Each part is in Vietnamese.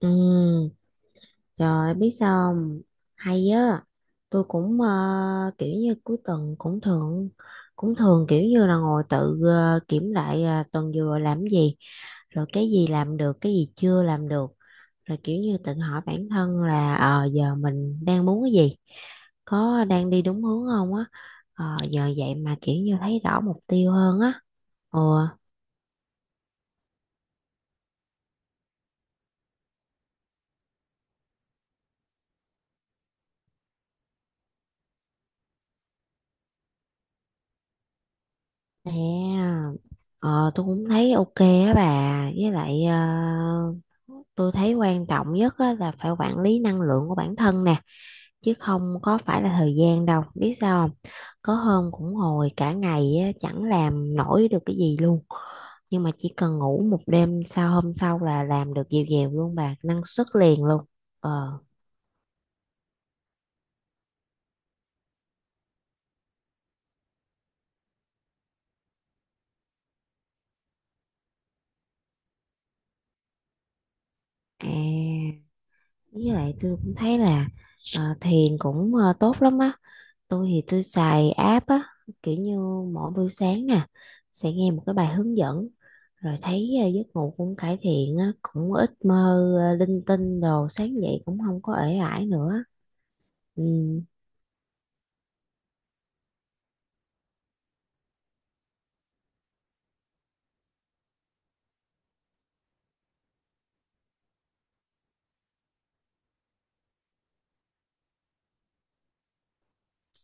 Ừ, trời ơi, biết sao không? Hay á, tôi cũng kiểu như cuối tuần cũng thường kiểu như là ngồi tự kiểm lại tuần vừa rồi làm cái gì, rồi cái gì làm được, cái gì chưa làm được, rồi kiểu như tự hỏi bản thân là giờ mình đang muốn cái gì, có đang đi đúng hướng không á. Giờ vậy mà kiểu như thấy rõ mục tiêu hơn á. Ừ. Nè, ờ, tôi cũng thấy ok á bà, với lại tôi thấy quan trọng nhất á, là phải quản lý năng lượng của bản thân nè, chứ không có phải là thời gian đâu, biết sao không? Có hôm cũng ngồi cả ngày á, chẳng làm nổi được cái gì luôn, nhưng mà chỉ cần ngủ một đêm sau hôm sau là làm được dèo dèo luôn bà, năng suất liền luôn. Ờ, à, với lại tôi cũng thấy là thiền cũng tốt lắm á. Tôi thì tôi xài app á, kiểu như mỗi buổi sáng nè, sẽ nghe một cái bài hướng dẫn, rồi thấy giấc ngủ cũng cải thiện á, cũng ít mơ linh tinh đồ, sáng dậy cũng không có ể ải nữa. Ừ.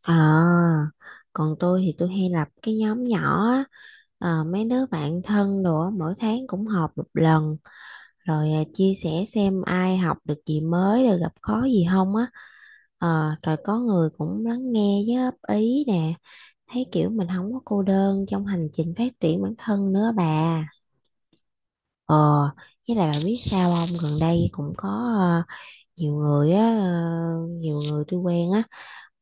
À, còn tôi thì tôi hay lập cái nhóm nhỏ á, mấy đứa bạn thân đồ á, mỗi tháng cũng họp một lần, rồi chia sẻ xem ai học được gì mới, rồi gặp khó gì không á. Rồi có người cũng lắng nghe với góp ý nè, thấy kiểu mình không có cô đơn trong hành trình phát triển bản thân nữa bà. ờ với lại bà biết sao không, gần đây cũng có ờ, nhiều người á, nhiều người tôi quen á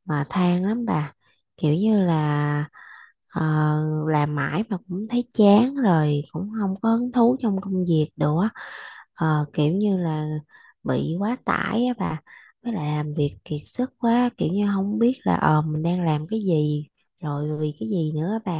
mà than lắm bà, kiểu như là ờ, làm mãi mà cũng thấy chán rồi cũng không có hứng thú trong công việc đồ á. Kiểu như là bị quá tải á bà, với lại làm việc kiệt sức quá, kiểu như không biết là mình đang làm cái gì, rồi vì cái gì nữa á bà.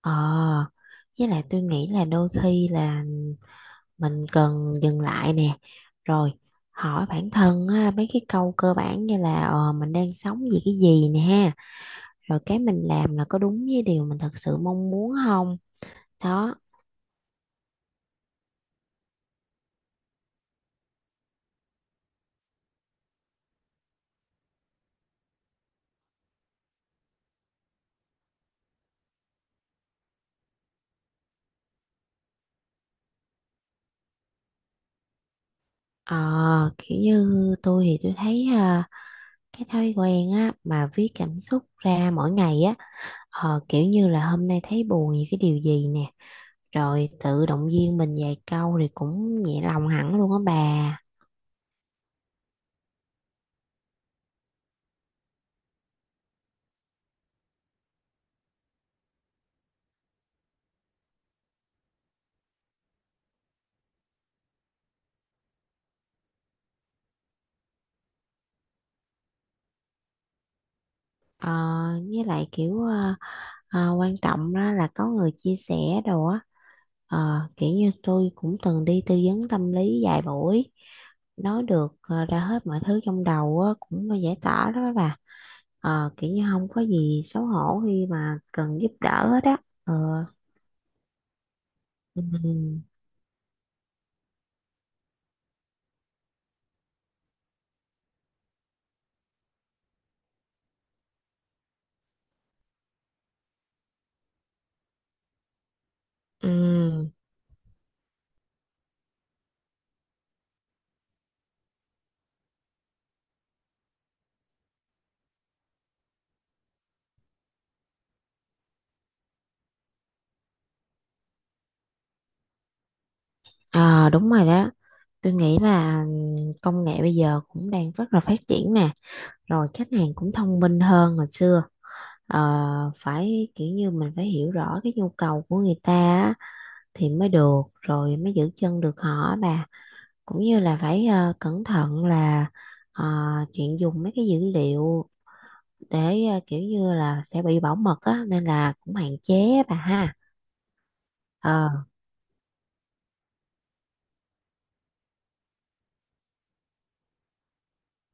Ờ, với lại tôi nghĩ là đôi khi là mình cần dừng lại nè, rồi hỏi bản thân á, mấy cái câu cơ bản như là mình đang sống vì cái gì nè ha, rồi cái mình làm là có đúng với điều mình thật sự mong muốn không? Đó. Ờ, Kiểu như tôi thì tôi thấy cái thói quen á mà viết cảm xúc ra mỗi ngày á, kiểu như là hôm nay thấy buồn vì cái điều gì nè, rồi tự động viên mình vài câu thì cũng nhẹ lòng hẳn luôn á bà. Ờ, với lại kiểu quan trọng đó là có người chia sẻ đồ á. Ờ, kiểu như tôi cũng từng đi tư vấn tâm lý vài buổi, nói được ra hết mọi thứ trong đầu á, cũng là giải tỏa đó bà. Ờ, kiểu như không có gì xấu hổ khi mà cần giúp đỡ hết á. Ờ, ừ, ừ. Ờ, đúng rồi đó, tôi nghĩ là công nghệ bây giờ cũng đang rất là phát triển nè, rồi khách hàng cũng thông minh hơn hồi xưa. Ờ, Phải kiểu như mình phải hiểu rõ cái nhu cầu của người ta á, thì mới được, rồi mới giữ chân được họ á bà, cũng như là phải cẩn thận là ờ, chuyện dùng mấy cái dữ liệu để kiểu như là sẽ bị bảo mật á nên là cũng hạn chế á bà ha. ờ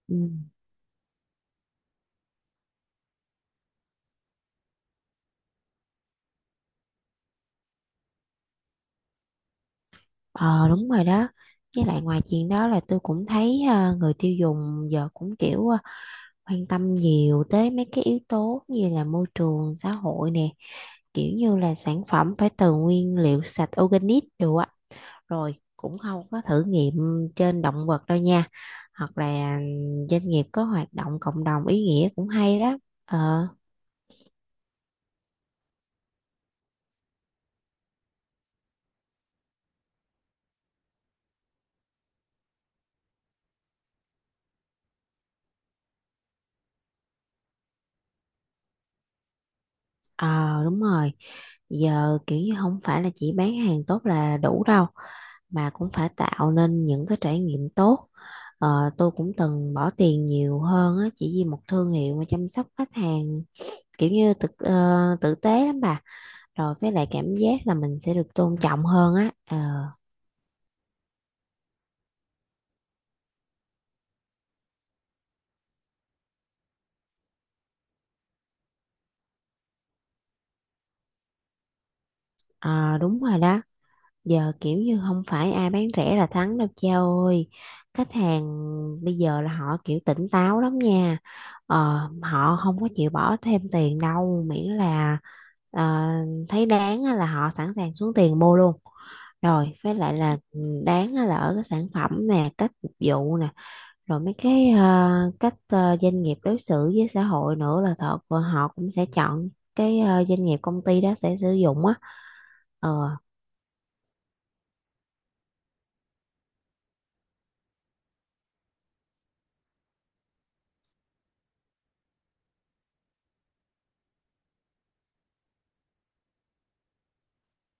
ừ. Ờ, đúng rồi đó. Với lại ngoài chuyện đó là tôi cũng thấy người tiêu dùng giờ cũng kiểu quan tâm nhiều tới mấy cái yếu tố như là môi trường, xã hội nè. Kiểu như là sản phẩm phải từ nguyên liệu sạch organic đồ á. Rồi cũng không có thử nghiệm trên động vật đâu nha. Hoặc là doanh nghiệp có hoạt động cộng đồng ý nghĩa cũng hay đó. Ờ, ờ đúng rồi. Giờ kiểu như không phải là chỉ bán hàng tốt là đủ đâu, mà cũng phải tạo nên những cái trải nghiệm tốt. Ờ, tôi cũng từng bỏ tiền nhiều hơn á, chỉ vì một thương hiệu mà chăm sóc khách hàng kiểu như thực tử tế lắm bà, rồi với lại cảm giác là mình sẽ được tôn trọng hơn á. Ờ, ờ, Đúng rồi đó, giờ kiểu như không phải ai bán rẻ là thắng đâu cha ơi, khách hàng bây giờ là họ kiểu tỉnh táo lắm nha. Họ không có chịu bỏ thêm tiền đâu, miễn là ờ, thấy đáng á là họ sẵn sàng xuống tiền mua luôn, rồi với lại là ừ, đáng á là ở cái sản phẩm nè, cách phục vụ nè, rồi mấy cái cách doanh nghiệp đối xử với xã hội nữa là thật và họ cũng sẽ chọn cái doanh nghiệp công ty đó sẽ sử dụng á. ờ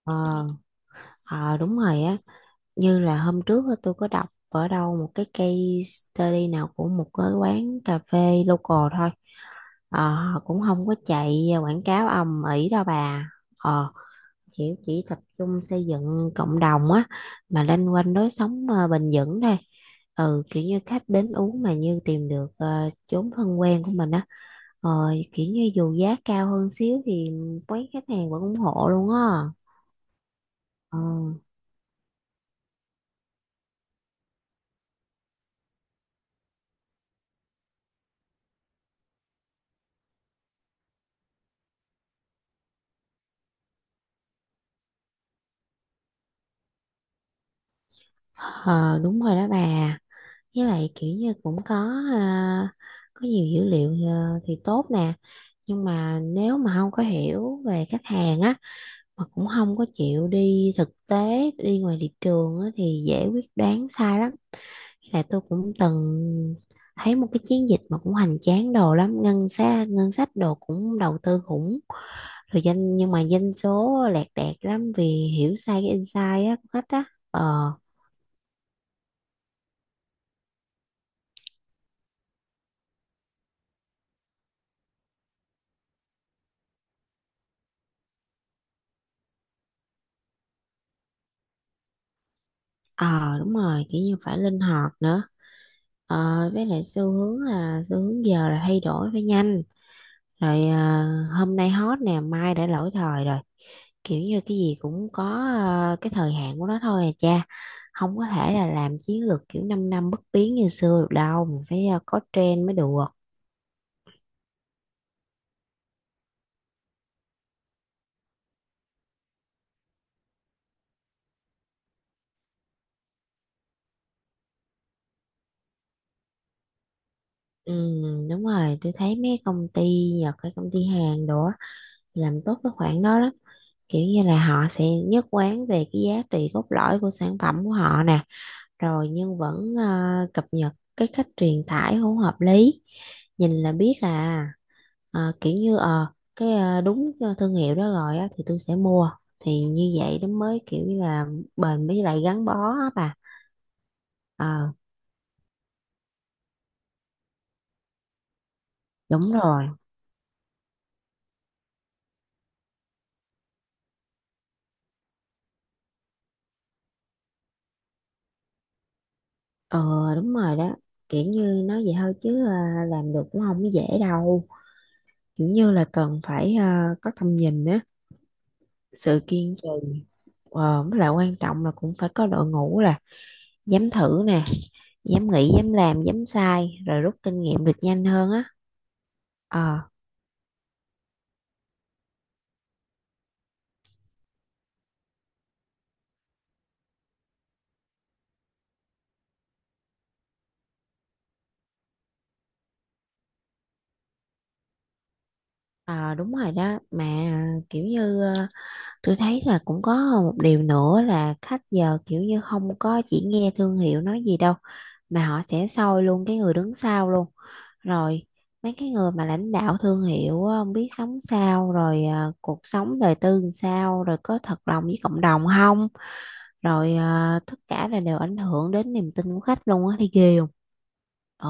ờ, ờ, Đúng rồi á, như là hôm trước á, tôi có đọc ở đâu một cái case study nào của một cái quán cà phê local thôi. Ờ, họ cũng không có chạy quảng cáo ầm ĩ đâu bà, ờ chỉ tập trung xây dựng cộng đồng á, mà loanh quanh lối sống bền vững thôi. Ừ, kiểu như khách đến uống mà như tìm được chốn thân quen của mình á. ờ Kiểu như dù giá cao hơn xíu thì quán khách hàng vẫn ủng hộ luôn á. ờ Ờ, đúng rồi đó bà, với lại kiểu như cũng có à, có nhiều dữ liệu à, thì tốt nè, nhưng mà nếu mà không có hiểu về khách hàng á mà cũng không có chịu đi thực tế đi ngoài thị trường á, thì dễ quyết đoán sai lắm. Là tôi cũng từng thấy một cái chiến dịch mà cũng hoành tráng đồ lắm, ngân sách đồ cũng đầu tư khủng, rồi danh nhưng mà doanh số lẹt đẹt lắm vì hiểu sai cái insight á của khách á. ờ ờ Đúng rồi, kiểu như phải linh hoạt nữa. Ờ, với lại xu hướng là xu hướng giờ là thay đổi phải nhanh, rồi à, hôm nay hot nè, mai đã lỗi thời rồi, kiểu như cái gì cũng có à, cái thời hạn của nó thôi à cha, không có thể là làm chiến lược kiểu 5 năm năm bất biến như xưa được đâu, mình phải à, có trend mới được. Ừ, đúng rồi, tôi thấy mấy công ty Nhật hay công ty Hàn đồ á, làm tốt cái khoản đó lắm, kiểu như là họ sẽ nhất quán về cái giá trị cốt lõi của sản phẩm của họ nè, rồi nhưng vẫn cập nhật cái cách truyền tải không hợp lý, nhìn là biết à. Kiểu như cái đúng thương hiệu đó rồi á, thì tôi sẽ mua, thì như vậy nó mới kiểu như là bền với lại gắn bó á bà. ờ Đúng rồi. ờ Đúng rồi đó, kiểu như nói vậy thôi chứ làm được cũng không dễ đâu, kiểu như là cần phải có tầm nhìn á, sự kiên trì. Với lại quan trọng là cũng phải có đội ngũ là dám thử nè, dám nghĩ, dám làm, dám sai, rồi rút kinh nghiệm được nhanh hơn á. ờ ờ, Đúng rồi đó mà, kiểu như tôi thấy là cũng có một điều nữa là khách giờ kiểu như không có chỉ nghe thương hiệu nói gì đâu, mà họ sẽ soi luôn cái người đứng sau luôn, rồi mấy cái người mà lãnh đạo thương hiệu á, không biết sống sao, rồi à, cuộc sống đời tư làm sao, rồi có thật lòng với cộng đồng không, rồi à, tất cả là đều ảnh hưởng đến niềm tin của khách luôn á, thì ghê không. ờ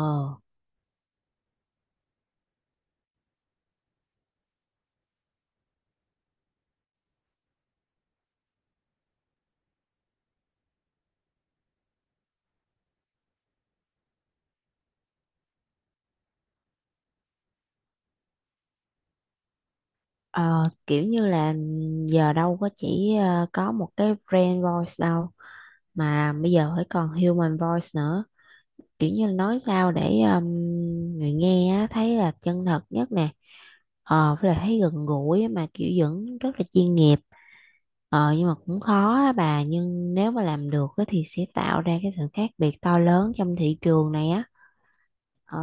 Ờ, kiểu như là giờ đâu có chỉ có một cái brand voice đâu, mà bây giờ phải còn human voice nữa, kiểu như là nói sao để người nghe á, thấy là chân thật nhất nè. Với lại thấy gần gũi á, mà kiểu vẫn rất là chuyên nghiệp. Nhưng mà cũng khó á bà, nhưng nếu mà làm được á, thì sẽ tạo ra cái sự khác biệt to lớn trong thị trường này á. ờ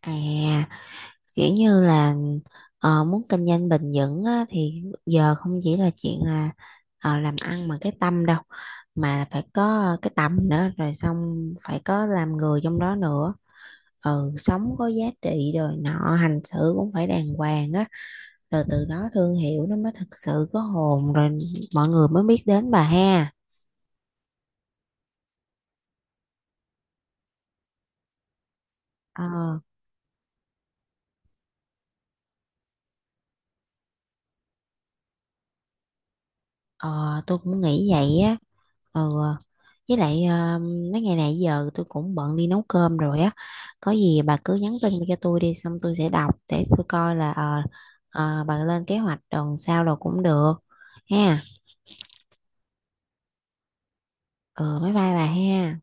à Kiểu như là muốn kinh doanh bền vững á, thì giờ không chỉ là chuyện là làm ăn mà cái tâm đâu, mà phải có cái tâm nữa, rồi xong phải có làm người trong đó nữa. Ừ, sống có giá trị, rồi nọ hành xử cũng phải đàng hoàng á, rồi từ đó thương hiệu nó mới thực sự có hồn, rồi mọi người mới biết đến bà ha. ờ ờ, tôi cũng nghĩ vậy á. Ừ. Với lại mấy ngày này giờ tôi cũng bận đi nấu cơm rồi á, có gì bà cứ nhắn tin cho tôi đi, xong tôi sẽ đọc để tôi coi là bà lên kế hoạch tuần sau rồi cũng được ha. Ừ, bye bye bà ha.